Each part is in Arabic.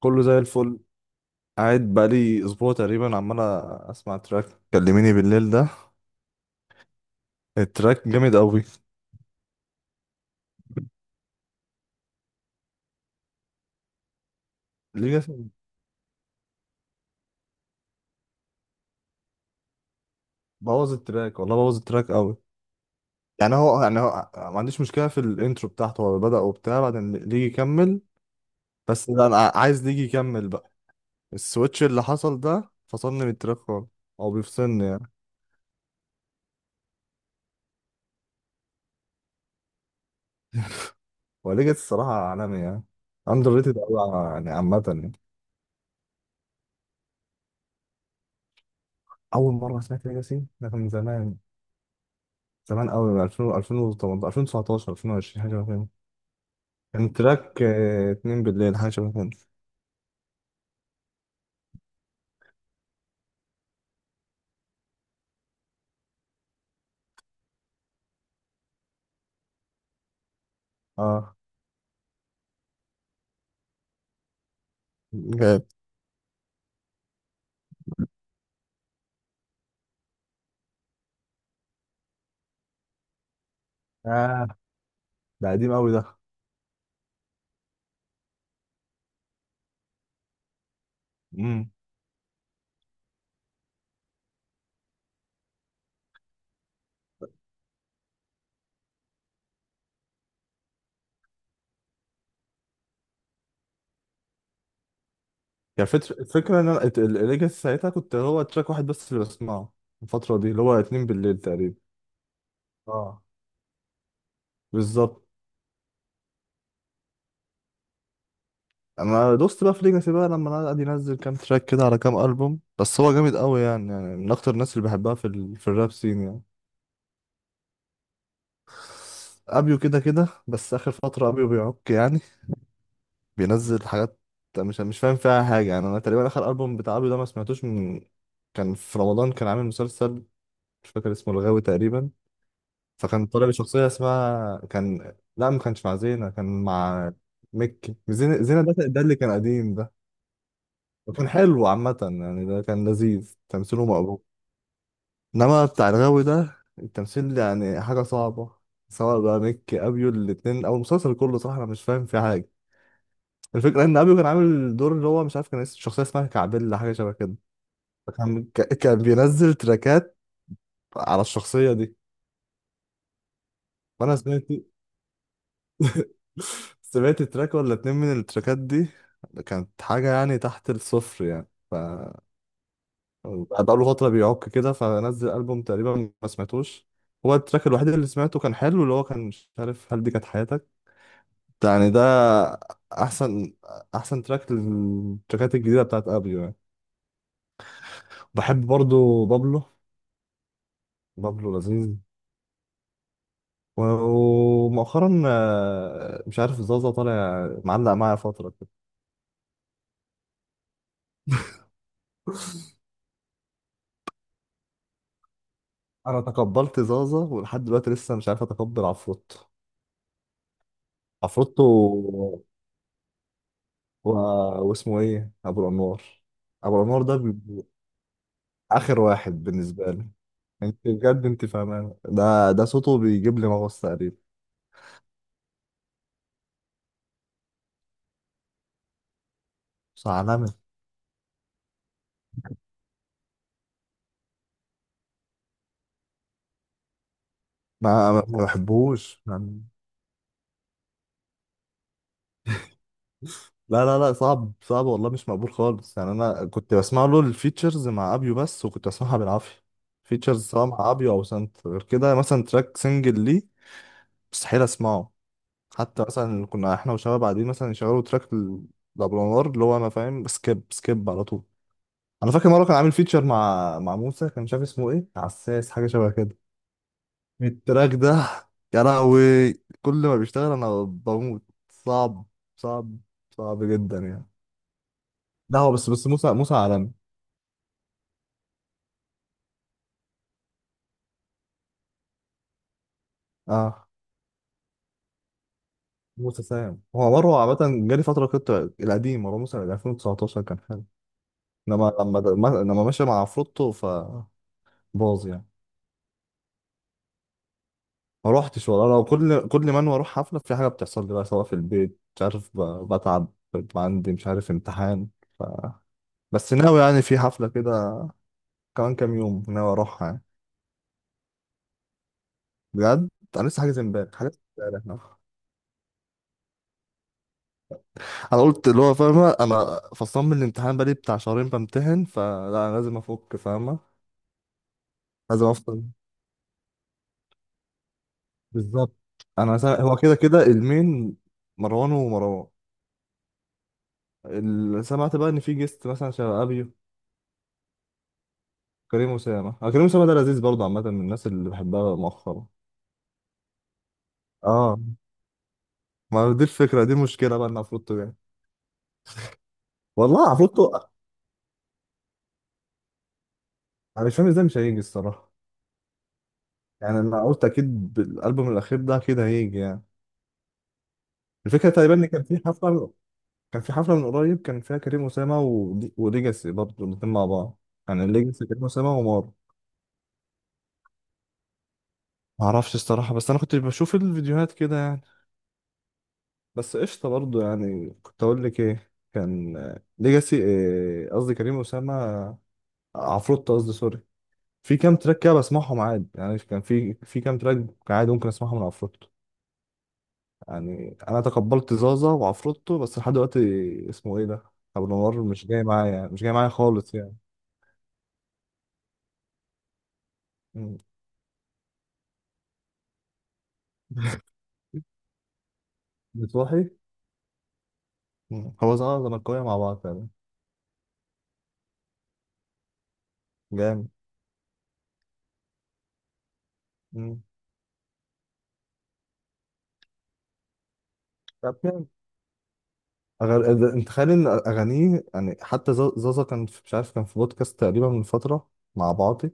كله زي الفل. قاعد بقالي اسبوع تقريبا عمال اسمع تراك. كلميني بالليل ده. التراك جامد قوي. ليه جا- بوظ التراك، والله بوظ التراك قوي. يعني هو ما عنديش مشكله في الانترو بتاعته، هو بدأ وبتاع بعدين ليجي يكمل. بس لا، انا عايز ليجي يكمل بقى. السويتش اللي حصل ده فصلني من التراك خالص، او بيفصلني يعني. وليجاسي الصراحه عالمي يعني، اندر ريتد قوي يعني، عامه يعني. اول مره سمعت ليجاسي ده كان من زمان، زمان قوي، 2000 2018 2019 2020 حاجه شبه كده. كان تراك 2 بالليل حاجه شبه كده. اه جامد. اه ده قديم قوي ده. امم يعني فكرة، الفكره ان انا الليجاسي ساعتها كنت هو تراك واحد بس اللي بسمعه الفتره دي، اللي هو 2 بالليل تقريبا. اه بالظبط. انا دوست بقى في ليجاسي بقى، لما انا قاعد ينزل كام تراك كده على كام البوم، بس هو جامد قوي يعني، يعني من اكتر الناس اللي بحبها في ال... في الراب سين يعني. ابيو كده كده، بس اخر فتره ابيو بيعك يعني، بينزل حاجات مش فاهم فيها حاجة يعني. أنا تقريبا آخر ألبوم بتاع عبده ده ما سمعتوش من. كان في رمضان كان عامل مسلسل، مش فاكر اسمه، الغاوي تقريبا. فكان طالع بشخصية اسمها، كان لا ما كانش مع زينة كان مع مكي. زينة، زينة ده ده اللي كان قديم ده. وكان حلو عامة يعني، ده كان لذيذ، تمثيله مقبول. إنما بتاع الغاوي ده التمثيل يعني حاجة صعبة، سواء بقى مكي أبيو الاتنين أو المسلسل كله، صح أنا مش فاهم فيه حاجة. الفكرة إن أبيو كان عامل دور اللي هو مش عارف، كان الشخصية اسمها كعبيل ولا حاجة شبه كده. فكان كان بينزل تراكات على الشخصية دي. فأنا سمعت سمعت تراك ولا اتنين من التراكات دي، كانت حاجة يعني تحت الصفر يعني. ف بقاله فترة بيعك كده، فنزل ألبوم تقريبا ما سمعتوش. هو التراك الوحيد اللي سمعته كان حلو، اللي هو كان مش عارف هل دي كانت حياتك يعني، ده أحسن أحسن تراك للتراكات الجديدة بتاعت أبيو يعني. بحب برضو بابلو. بابلو لذيذ. ومؤخرا مش عارف زازا طالع، معلق معايا فترة كده. أنا تقبلت زازا، ولحد دلوقتي لسه مش عارف أتقبل عفروتو. عفروتو و... و... واسمه إيه، أبو الأنوار. أبو الأنوار ده آخر واحد بالنسبة لي. أنت بجد أنت فاهمان ده، ده صوته بيجيب لي مغص تقريبا. بس عالمي. ما بحبوش يعني. لا لا لا، صعب صعب، والله مش مقبول خالص يعني، انا كنت بسمع له الفيتشرز مع ابيو بس، وكنت بسمعها بالعافيه. فيتشرز سواء مع ابيو او سانت، غير كده مثلا تراك سنجل ليه مستحيل اسمعه. حتى مثلا كنا احنا وشباب قاعدين مثلا يشغلوا تراك لابو الانوار، اللي هو انا فاهم سكيب سكيب على طول. انا فاكر مره كان عامل فيتشر مع موسى، كان مش عارف اسمه ايه، عساس حاجه شبه كده. التراك ده، يا لهوي! كل ما بيشتغل انا بموت. صعب صعب. صعب جدا يعني. ده هو بس موسى موسى عالمي. اه موسى سام هو مروه عامة جالي فترة كنت. القديم، مروه موسى ال 2019 كان حلو. انما لما لما ماشي مع عفروتو فباظ يعني. ما روحتش والله، لو كل ما انا اروح حفلة في حاجة بتحصل لي بقى، سواء في البيت مش عارف بتعب، بيبقى عندي مش عارف امتحان. ف... بس ناوي يعني في حفلة كده، كمان كام يوم ناوي اروحها يعني. بجد انا لسه حاجز، امبارح حاجز، امبارح. انا قلت اللي هو فاهمه، انا فصلان من الامتحان بقالي بتاع شهرين بمتحن، فلا انا لازم افك فاهمه، لازم افصل. بالظبط. انا سمع... هو كده كده المين، مروان ومروان. سمعت بقى ان في جيست مثلا شبه ابيو، كريم اسامه. كريم اسامه ده لذيذ برضه، عامه من الناس اللي بحبها مؤخرا. اه، ما دي الفكره، دي مشكله بقى ان عفروتو يعني، والله عفروتو. انا مش فاهم ازاي مش هيجي الصراحه يعني، انا قلت اكيد بالالبوم الاخير ده اكيد هيجي يعني. الفكره تقريبا ان كان في حفله، كان في حفلة من قريب كان فيها كريم أسامة وليجاسي برضه، الاتنين مع بعض، يعني ليجاسي كريم أسامة ومار. معرفش الصراحة، بس أنا كنت بشوف الفيديوهات كده يعني. بس قشطة برضه، يعني كنت أقول لك إيه، كان ليجاسي، قصدي كريم أسامة، عفروتو قصدي سوري، في كام تراك كده بسمعهم عادي يعني. كان في في كام تراك عادي ممكن أسمعهم من عفروتو يعني. أنا تقبلت زازا وعفروتو بس لحد دلوقتي. اسمه إيه ده؟ أبو نور مش جاي معايا، مش جاي معايا خالص يعني. مم. بتروحي. مم. هو زمان زملكاوية مع بعض فعلا. جامد. مم. طب جامد. أغل... انت تخيل ان اغانيه يعني، حتى زازا كان في، مش عارف كان في بودكاست تقريبا من فترة مع بعاطي،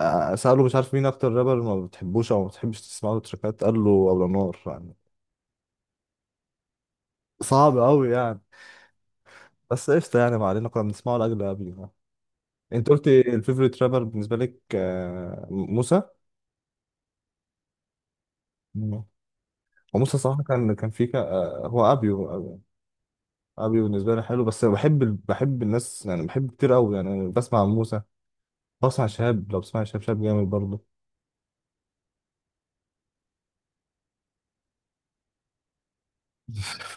سأله مش عارف مين اكتر رابر ما بتحبوش او ما بتحبش تسمع له تراكات، قال له ابو نور يعني. صعب قوي يعني. بس قشطة يعني، ما علينا كنا بنسمعه لاجل قبل يعني. انت قلت الفيفوريت رابر بالنسبة لك موسى. مم. وموسى صراحة كان في ك... هو ابيو. ابي بالنسبه لي حلو، بس بحب بحب الناس يعني، بحب كتير قوي يعني. أنا بسمع عم موسى، بسمع شهاب، لو بسمع شهاب، شهاب جامد برضه.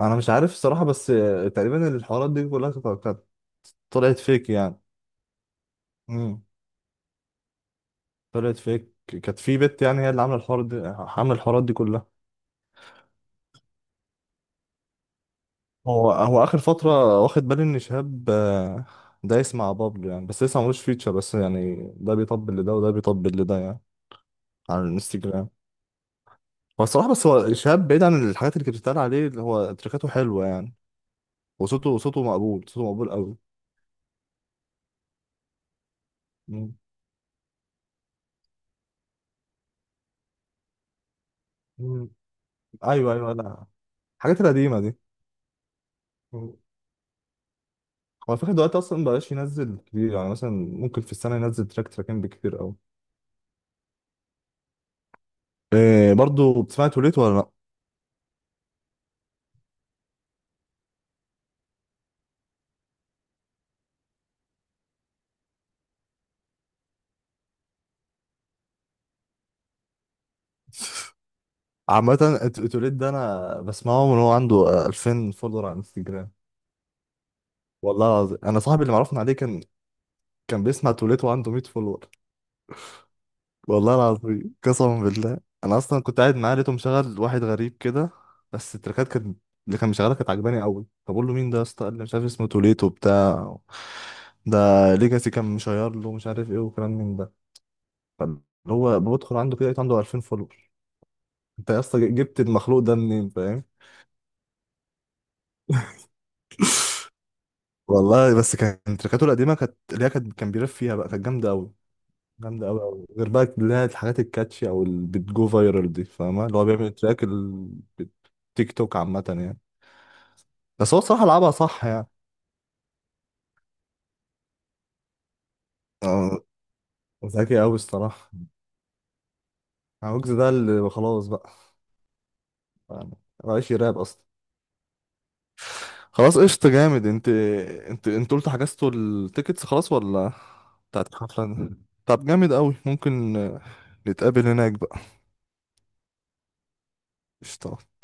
انا مش عارف الصراحه، بس تقريبا الحوارات دي كلها كانت طلعت فيك يعني. امم طلعت فيك، كانت في بنت يعني هي اللي عامله الحوار دي، عامله الحوارات دي كلها. هو اخر فتره واخد بالي ان شهاب دايس مع بابلو يعني، بس لسه ملوش فيتشر، بس يعني ده بيطبل لده وده بيطبل لده يعني على الانستجرام. هو الصراحه بس هو شهاب بعيد عن الحاجات اللي كانت بتتقال عليه، اللي هو تريكاته حلوه يعني، وصوته مقبول، صوته مقبول قوي. مم. مم. ايوه ايوه، لا الحاجات القديمه دي. مم. هو الفكره دلوقتي اصلا مبقاش ينزل كتير يعني، مثلا ممكن في السنه ينزل تراك تراكين بكتير قوي. إيه برضو، بتسمع توليت ولا لا؟ عامه توليت ده انا بسمعه من هو عنده 2000 فولور على انستجرام. والله العظيم، انا صاحبي اللي معرفنا عليه كان بيسمع توليت وعنده 100 فولور. والله العظيم قسما بالله، انا اصلا كنت قاعد معاه لقيته مشغل واحد غريب كده، بس التراكات كانت، اللي كان مشغلها كانت عجباني قوي. فبقول له مين ده يا اسطى، قال لي مش عارف اسمه توليتو بتاع ده، ليجاسي كان مشير له مش عارف ايه وكلام من ده. فاللي هو بدخل عنده كده لقيت عنده 2000 فولور. انت يا اسطى جبت المخلوق ده منين فاهم. والله بس كان تراكاته القديمه كانت، اللي هي كانت، كان بيرف فيها بقى، كانت جامده قوي، جامده قوي قوي، غير بقى اللي هي الحاجات الكاتشي او اللي بتجو فايرال دي فاهمه، اللي هو بيعمل تراك ال... تيك توك عامة يعني. بس هو الصراحة لعبها صح يعني. اه ذكي أوي الصراحة. عوجز ده اللي خلاص بقى يعني، مبقاش يراب أصلا. خلاص قشطة. جامد انت. انت انتوا قلتوا حجزتوا التيكتس خلاص ولا بتاعت الحفلة دي؟ طب جامد أوي. ممكن نتقابل هناك بقى. قشطة